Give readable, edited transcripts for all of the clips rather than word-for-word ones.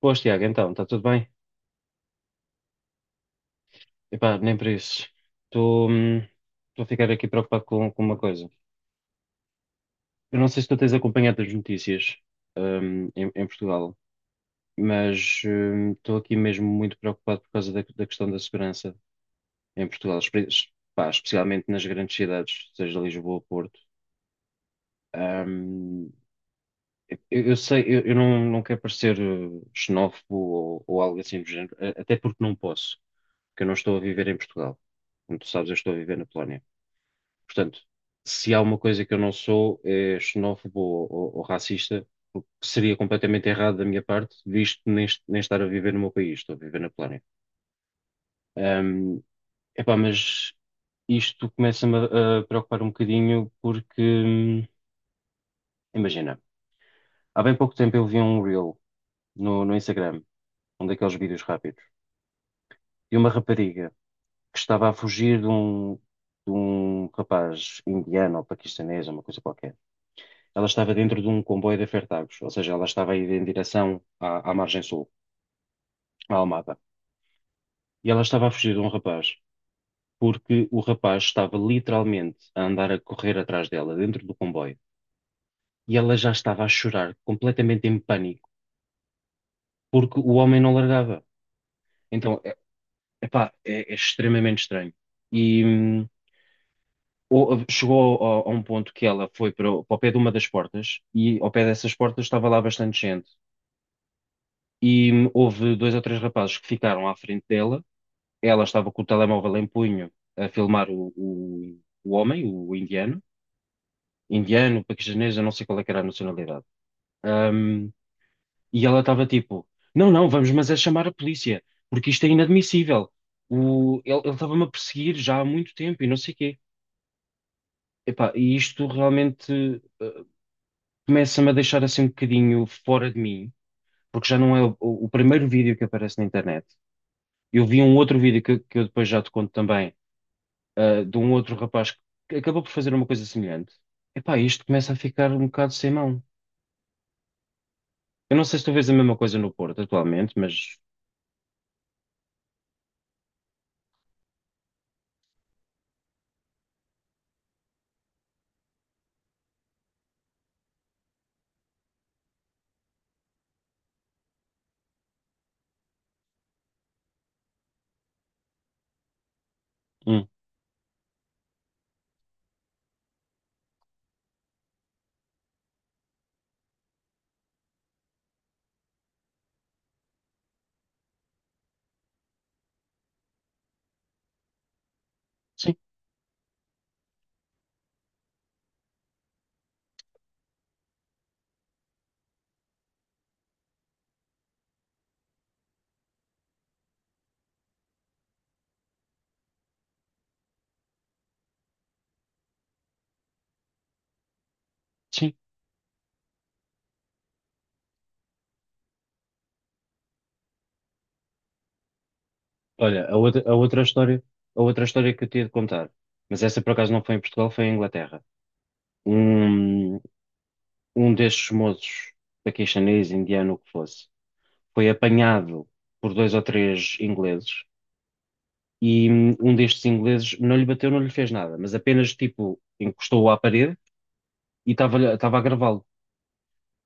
Boas, Tiago, então, está tudo bem? Epá, nem por isso. Estou hum, estou a ficar aqui preocupado com uma coisa. Eu não sei se tu tens acompanhado as notícias em Portugal, mas estou aqui mesmo muito preocupado por causa da questão da segurança em Portugal, pá, especialmente nas grandes cidades, seja Lisboa ou Porto. Hum, eu sei, eu não quero parecer xenófobo ou algo assim do género, até porque não posso, porque eu não estou a viver em Portugal. Como tu sabes, eu estou a viver na Polónia. Portanto, se há uma coisa que eu não sou, é xenófobo ou, ou racista, o que seria completamente errado da minha parte, visto nem estar a viver no meu país, estou a viver na Polónia. Ahm, Epá, mas isto começa-me a preocupar um bocadinho porque, imagina, há bem pouco tempo eu vi um reel no Instagram, um daqueles vídeos rápidos, de uma rapariga que estava a fugir de um rapaz indiano ou paquistanês, uma coisa qualquer. Ela estava dentro de um comboio de afetados, ou seja, ela estava a ir em direção à margem sul, à Almada. E ela estava a fugir de um rapaz, porque o rapaz estava literalmente a andar a correr atrás dela, dentro do comboio. E ela já estava a chorar, completamente em pânico, porque o homem não largava. Então, epá, é extremamente estranho. E hum, Chegou a um ponto que ela foi para o pé de uma das portas, e ao pé dessas portas estava lá bastante gente. Houve dois ou três rapazes que ficaram à frente dela. Ela estava com o telemóvel em punho a filmar o homem, o indiano, paquistanês, eu não sei qual é que era a nacionalidade. Ahm, e ela estava tipo, não, não, vamos, mas é chamar a polícia, porque isto é inadmissível. O, ele ele estava-me a perseguir já há muito tempo e não sei o quê. Epá, e isto realmente, começa-me a deixar assim um bocadinho fora de mim, porque já não é o primeiro vídeo que aparece na internet. Eu vi um outro vídeo que eu depois já te conto também, de um outro rapaz que acabou por fazer uma coisa semelhante. Epá, isto começa a ficar um bocado sem mão. Eu não sei se tu vês a mesma coisa no Porto atualmente, mas hum, sim, sim. Olha, a outra história que eu tinha de contar, mas essa por acaso não foi em Portugal, foi em Inglaterra. Um, um destes moços, paquistanês, indiano, o que fosse, foi apanhado por dois ou três ingleses e um destes ingleses não lhe bateu, não lhe fez nada, mas apenas tipo encostou-o à parede e estava a gravá-lo.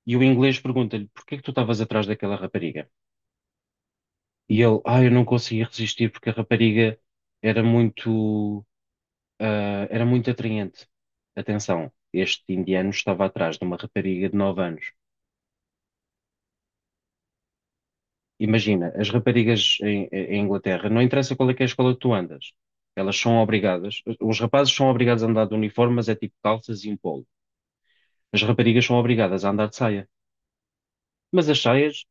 E o inglês pergunta-lhe: "Porquê que tu estavas atrás daquela rapariga?" E ele: "Ah, eu não conseguia resistir porque a rapariga era muito atraente." Atenção, este indiano estava atrás de uma rapariga de 9 anos. Imagina, as raparigas em Inglaterra, não interessa qual é que é a escola que tu andas, elas são obrigadas, os rapazes são obrigados a andar de uniforme, mas é tipo calças e um polo. As raparigas são obrigadas a andar de saia. Mas as saias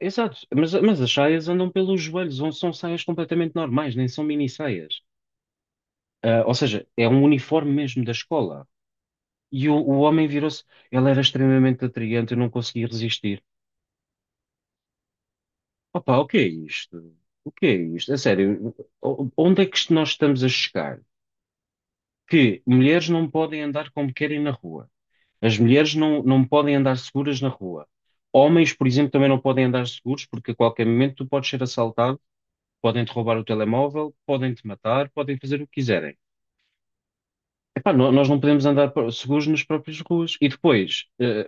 Exato, mas as saias andam pelos joelhos, ou são saias completamente normais, nem são mini saias. Ou seja, é um uniforme mesmo da escola. E o homem virou-se, ele era extremamente atraente, eu não conseguia resistir. Opa, o que é isto? O que é isto? A sério, onde é que isto nós estamos a chegar? Que mulheres não podem andar como querem na rua. As mulheres não podem andar seguras na rua. Homens, por exemplo, também não podem andar seguros porque a qualquer momento tu podes ser assaltado. Podem-te roubar o telemóvel, podem-te matar, podem fazer o que quiserem. Epá, nós não podemos andar seguros nas próprias ruas. E depois, eh,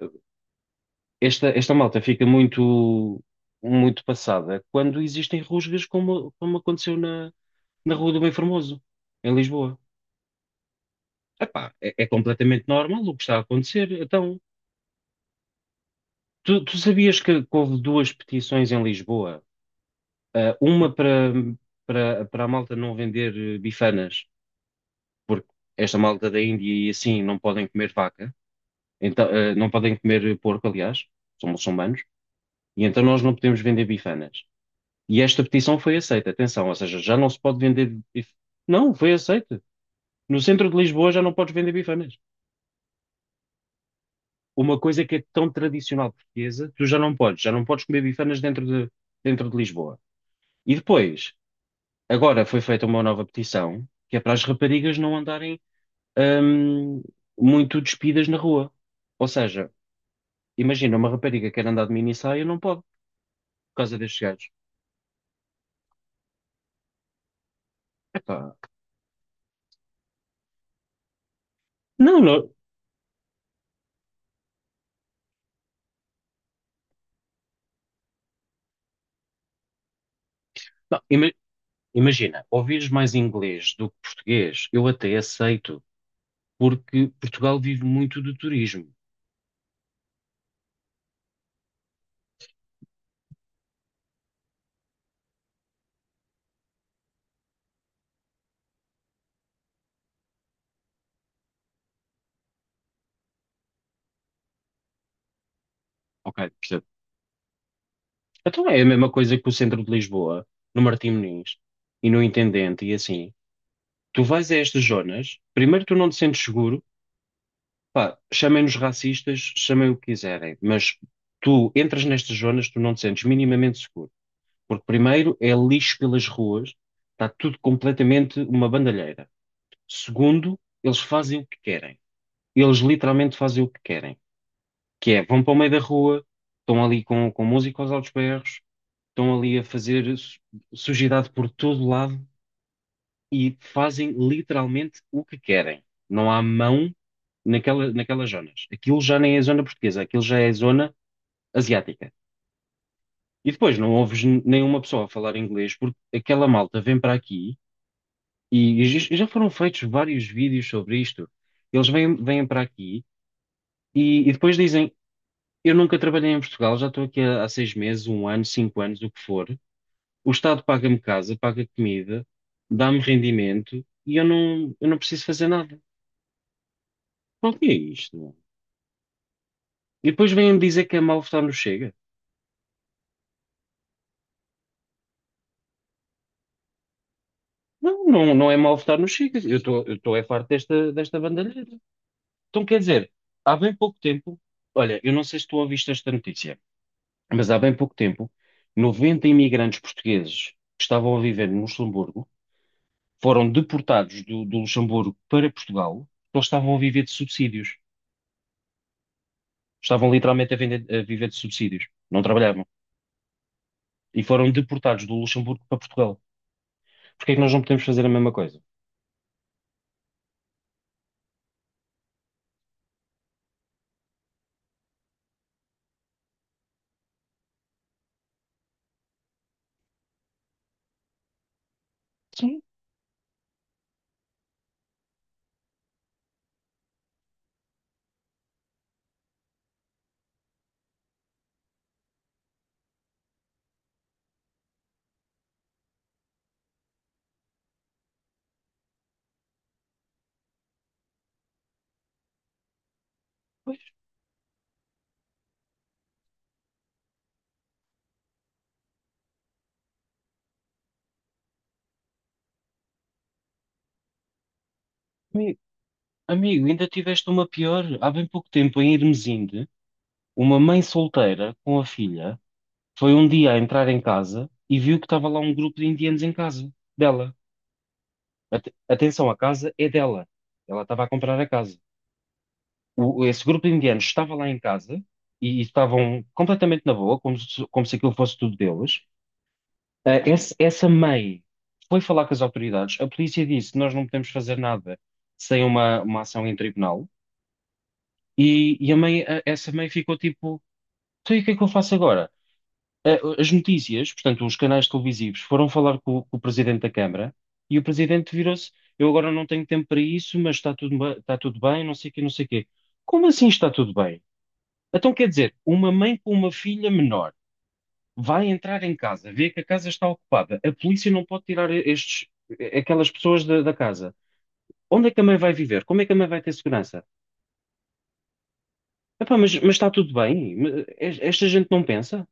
esta, esta malta fica muito, muito passada quando existem rusgas como aconteceu na Rua do Bem Formoso, em Lisboa. Epá, é completamente normal o que está a acontecer. Então, tu sabias que houve duas petições em Lisboa? Ah, uma para a malta não vender bifanas, porque esta malta da Índia e assim não podem comer vaca. Então, não podem comer porco, aliás, são muçulmanos, e então nós não podemos vender bifanas. E esta petição foi aceita, atenção, ou seja, já não se pode vender bifanas. Não, foi aceita. No centro de Lisboa já não podes vender bifanas. Uma coisa que é tão tradicional portuguesa, tu já não podes comer bifanas dentro de Lisboa. E depois, agora foi feita uma nova petição, que é para as raparigas não andarem hum, muito despidas na rua. Ou seja, imagina, uma rapariga quer andar de mini saia, não pode, por causa destes gajos. Epá, não, não, não, imagina, ouvires mais inglês do que português, eu até aceito, porque Portugal vive muito do turismo, ok? Percebo. Então é a mesma coisa que o centro de Lisboa, no Martim Moniz e no Intendente, e assim, tu vais a estas zonas, primeiro tu não te sentes seguro, pá, chamem-nos racistas, chamem o que quiserem, mas tu entras nestas zonas, tu não te sentes minimamente seguro, porque primeiro é lixo pelas ruas, está tudo completamente uma bandalheira. Segundo, eles fazem o que querem. Eles literalmente fazem o que querem. Que é, vão para o meio da rua, estão ali com música aos altos berros, estão ali a fazer sujidade por todo lado e fazem literalmente o que querem. Não há mão naquelas zonas. Aquilo já nem é zona portuguesa, aquilo já é zona asiática. E depois não ouves nenhuma pessoa a falar inglês porque aquela malta vem para aqui e, e já foram feitos vários vídeos sobre isto. Eles vêm, vêm para aqui. E depois dizem: eu nunca trabalhei em Portugal, já estou aqui há 6 meses, um ano, 5 anos, o que for. O Estado paga-me casa, paga comida, dá-me rendimento e eu não preciso fazer nada. Qual que é isto, meu? E depois vêm-me dizer que é mau votar no Chega. Não, não, não é mau votar no Chega. Eu estou é farto desta bandalheira. Então, quer dizer, há bem pouco tempo, olha, eu não sei se tu ouviste esta notícia, mas há bem pouco tempo, 90 imigrantes portugueses que estavam a viver no Luxemburgo foram deportados do Luxemburgo para Portugal, porque eles estavam a viver de subsídios. Estavam literalmente a viver de subsídios. Não trabalhavam. E foram deportados do Luxemburgo para Portugal. Porquê é que nós não podemos fazer a mesma coisa? Sim, pois, amigo, amigo, ainda tiveste uma pior. Há bem pouco tempo, em Irmesinde, uma mãe solteira com a filha foi um dia a entrar em casa e viu que estava lá um grupo de indianos em casa dela. Atenção, a casa é dela. Ela estava a comprar a casa. Esse grupo de indianos estava lá em casa e estavam completamente na boa, como se aquilo fosse tudo deles. Essa mãe foi falar com as autoridades. A polícia disse: "Nós não podemos fazer nada sem uma ação em tribunal." E, essa mãe ficou tipo: "Então, e o que é que eu faço agora?" As notícias, portanto, os canais televisivos foram falar com o presidente da Câmara e o presidente virou-se: "Eu agora não tenho tempo para isso, mas está tudo, está tudo bem, não sei o quê, não sei o quê." Como assim está tudo bem? Então quer dizer, uma mãe com uma filha menor vai entrar em casa, vê que a casa está ocupada, a polícia não pode tirar aquelas pessoas da casa. Onde é que a mãe vai viver? Como é que a mãe vai ter segurança? Epá, mas está tudo bem? Mas esta gente não pensa?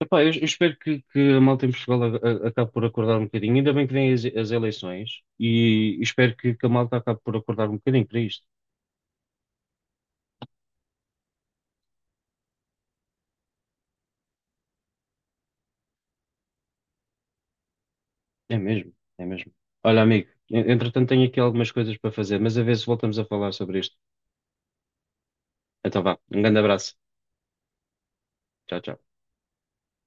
Epá, eu espero que a malta em Portugal acabe por acordar um bocadinho. Ainda bem que vêm as eleições e espero que a malta acabe por acordar um bocadinho para isto. É mesmo, é mesmo. Olha, amigo, entretanto tenho aqui algumas coisas para fazer, mas a ver se voltamos a falar sobre este. Então vá. Um grande abraço. Tchau, tchau.